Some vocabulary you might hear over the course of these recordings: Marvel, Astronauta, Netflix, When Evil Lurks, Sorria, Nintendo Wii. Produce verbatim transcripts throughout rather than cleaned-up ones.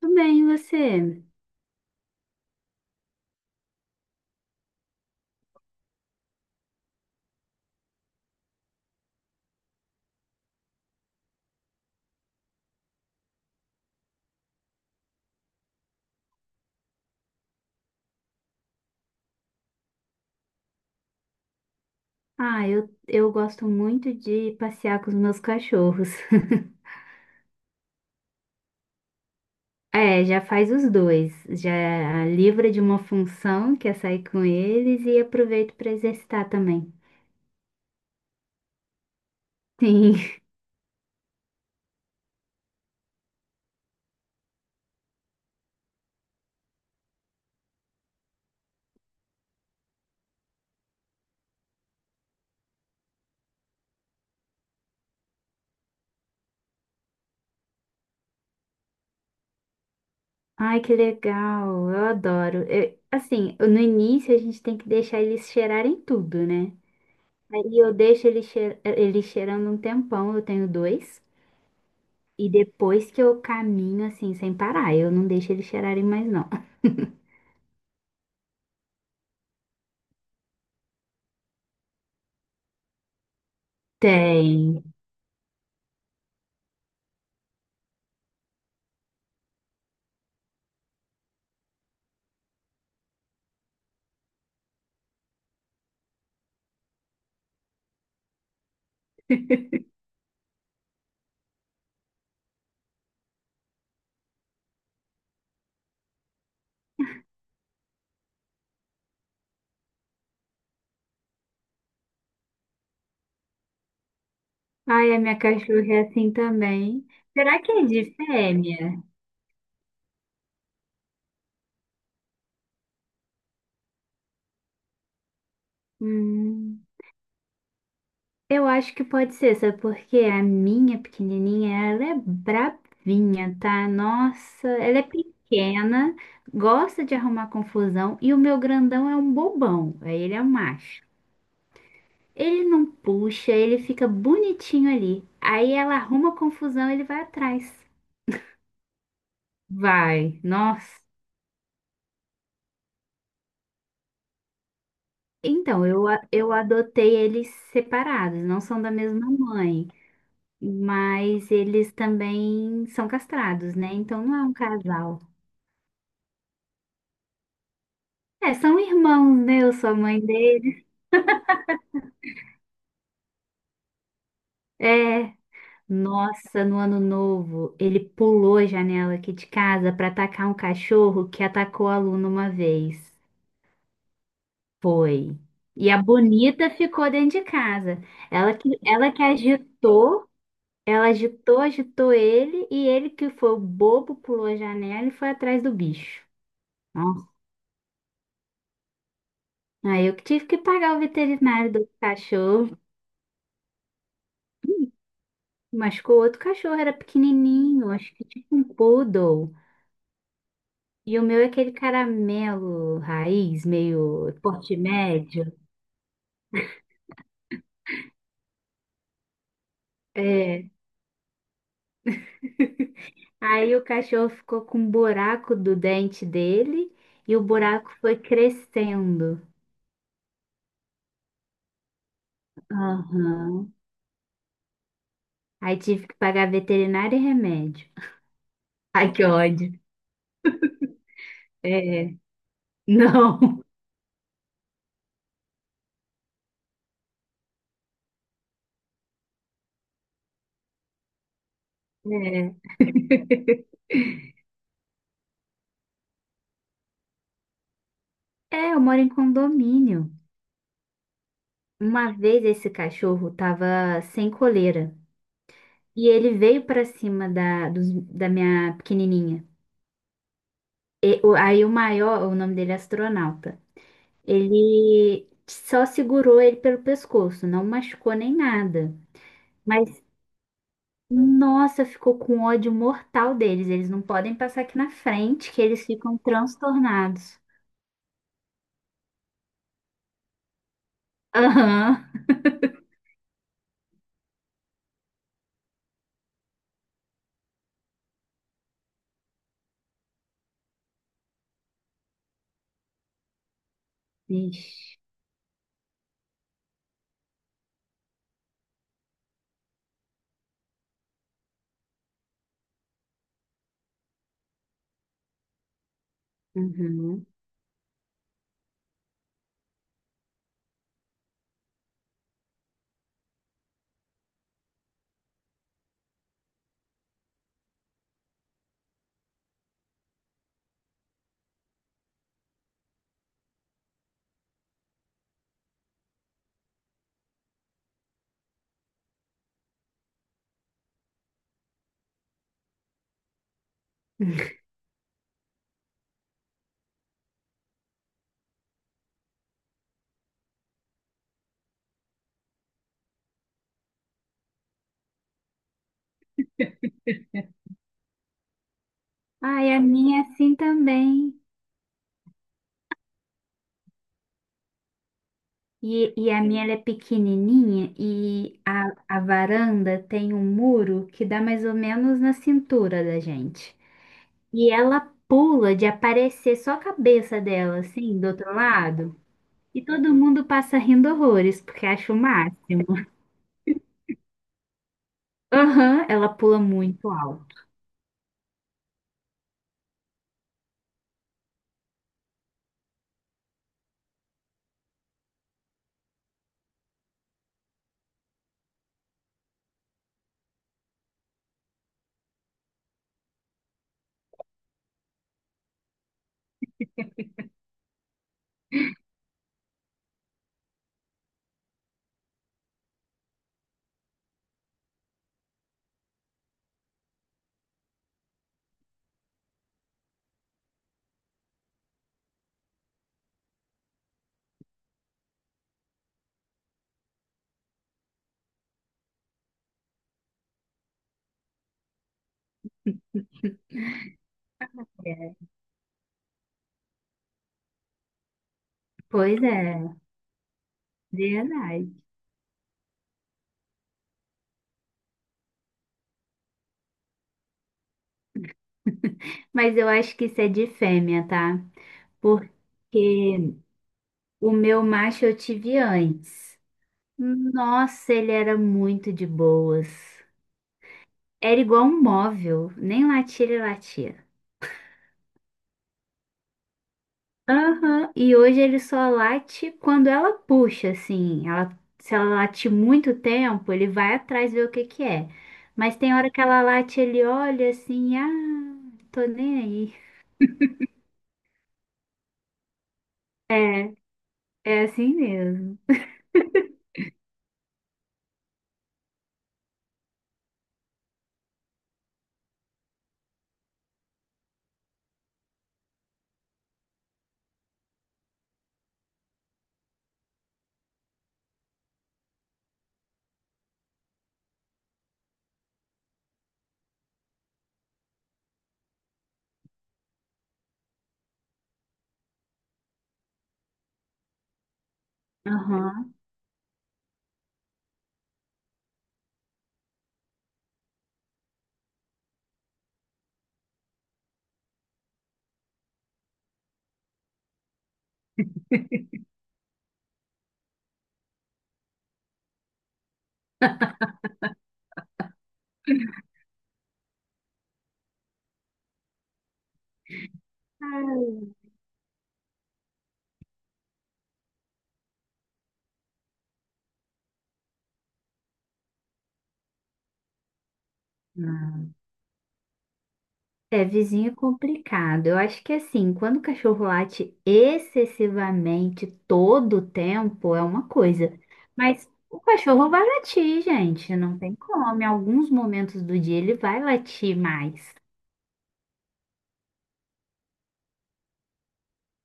Tudo bem, e você? Ah, eu, eu gosto muito de passear com os meus cachorros. É, já faz os dois. Já livra de uma função, que é sair com eles, e aproveito para exercitar também. Sim. Ai, que legal. Eu adoro. Eu- assim, no início a gente tem que deixar eles cheirarem tudo, né? Aí eu deixo eles cheir- eles cheirando um tempão, eu tenho dois. E depois que eu caminho assim, sem parar, eu não deixo eles cheirarem mais, não. Tem. Ai, a minha cachorra é assim também. Será que é de fêmea? Hum, eu acho que pode ser, sabe porque a minha pequenininha, ela é bravinha, tá? Nossa, ela é pequena, gosta de arrumar confusão e o meu grandão é um bobão, aí ele é um macho. Ele não puxa, ele fica bonitinho ali. Aí ela arruma confusão, ele vai atrás. Vai, nossa. Então, eu, a- eu adotei eles separados, não são da mesma mãe. Mas eles também são castrados, né? Então não é um casal. É, são irmãos, né? Eu sou a mãe dele. É. Nossa, no ano novo, ele pulou a janela aqui de casa para atacar um cachorro que atacou a Luna uma vez. Foi. E a Bonita ficou dentro de casa. Ela que, ela que agitou, ela agitou, agitou ele, e ele que foi o bobo, pulou a janela e foi atrás do bicho. Aí eu que tive que pagar o veterinário do cachorro. Machucou o outro cachorro, era pequenininho, acho que tipo um poodle. E o meu é aquele caramelo raiz, meio porte médio. É. Aí o cachorro ficou com um buraco do dente dele e o buraco foi crescendo. Aham. Aí tive que pagar veterinário e remédio. Ai, que ódio. É. Não. É. É, eu moro em condomínio. Uma vez esse cachorro tava sem coleira e ele veio pra cima da, dos- da minha pequenininha. E o- aí o maior, o nome dele é Astronauta, ele só segurou ele pelo pescoço, não machucou nem nada. Mas, nossa, ficou com ódio mortal deles. Eles não podem passar aqui na frente, que eles ficam transtornados. Aham. Vixe. Uhum. Ai, a minha é assim também. E, e a minha ela é pequenininha e a, a varanda tem um muro que dá mais ou menos na cintura da gente. E ela pula de aparecer só a cabeça dela, assim, do outro lado. E todo mundo passa rindo horrores, porque acha o máximo. Aham, ela pula muito alto. É, pois é, verdade. Mas eu acho que isso é de fêmea, tá? Porque o meu macho eu tive antes. Nossa, ele era muito de boas. Era igual um móvel, nem latia ele latia. Aham, e hoje ele só late quando ela puxa, assim. Ela, se ela late muito tempo, ele vai atrás ver o que que é. Mas tem hora que ela late, ele olha assim, ah, tô nem aí. É, é assim mesmo. Aham. É, vizinho é complicado. Eu acho que assim, quando o cachorro late excessivamente todo o tempo é uma coisa, mas o cachorro vai latir, gente, não tem como. Em alguns momentos do dia ele vai latir mais,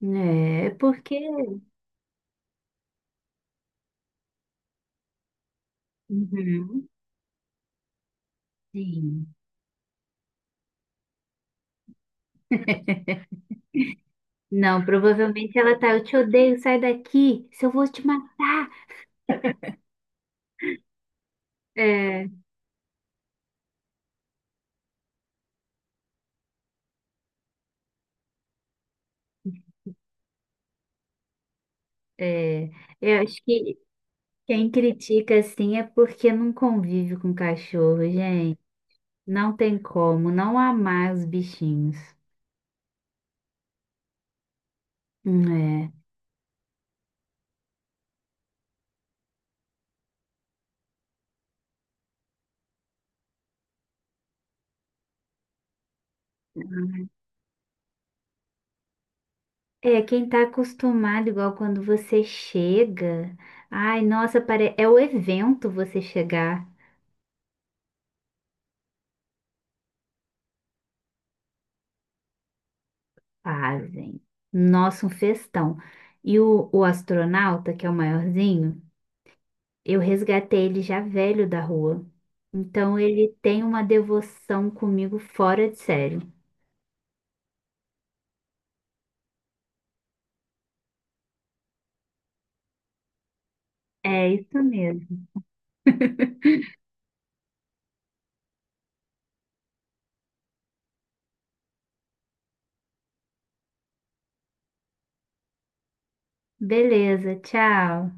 né? Porque. Uhum, sim. Não, provavelmente ela tá, eu te odeio, sai daqui, se eu vou te matar. É, é, eu acho que quem critica assim é porque não convive com cachorro, gente. Não tem como não amar os bichinhos. É. É, quem tá acostumado, igual quando você chega. Ai, nossa, pare... é o evento você chegar. Fazem. Nossa, um festão. E o, o Astronauta, que é o maiorzinho, eu resgatei ele já velho da rua. Então ele tem uma devoção comigo fora de sério. É isso mesmo. Beleza, tchau.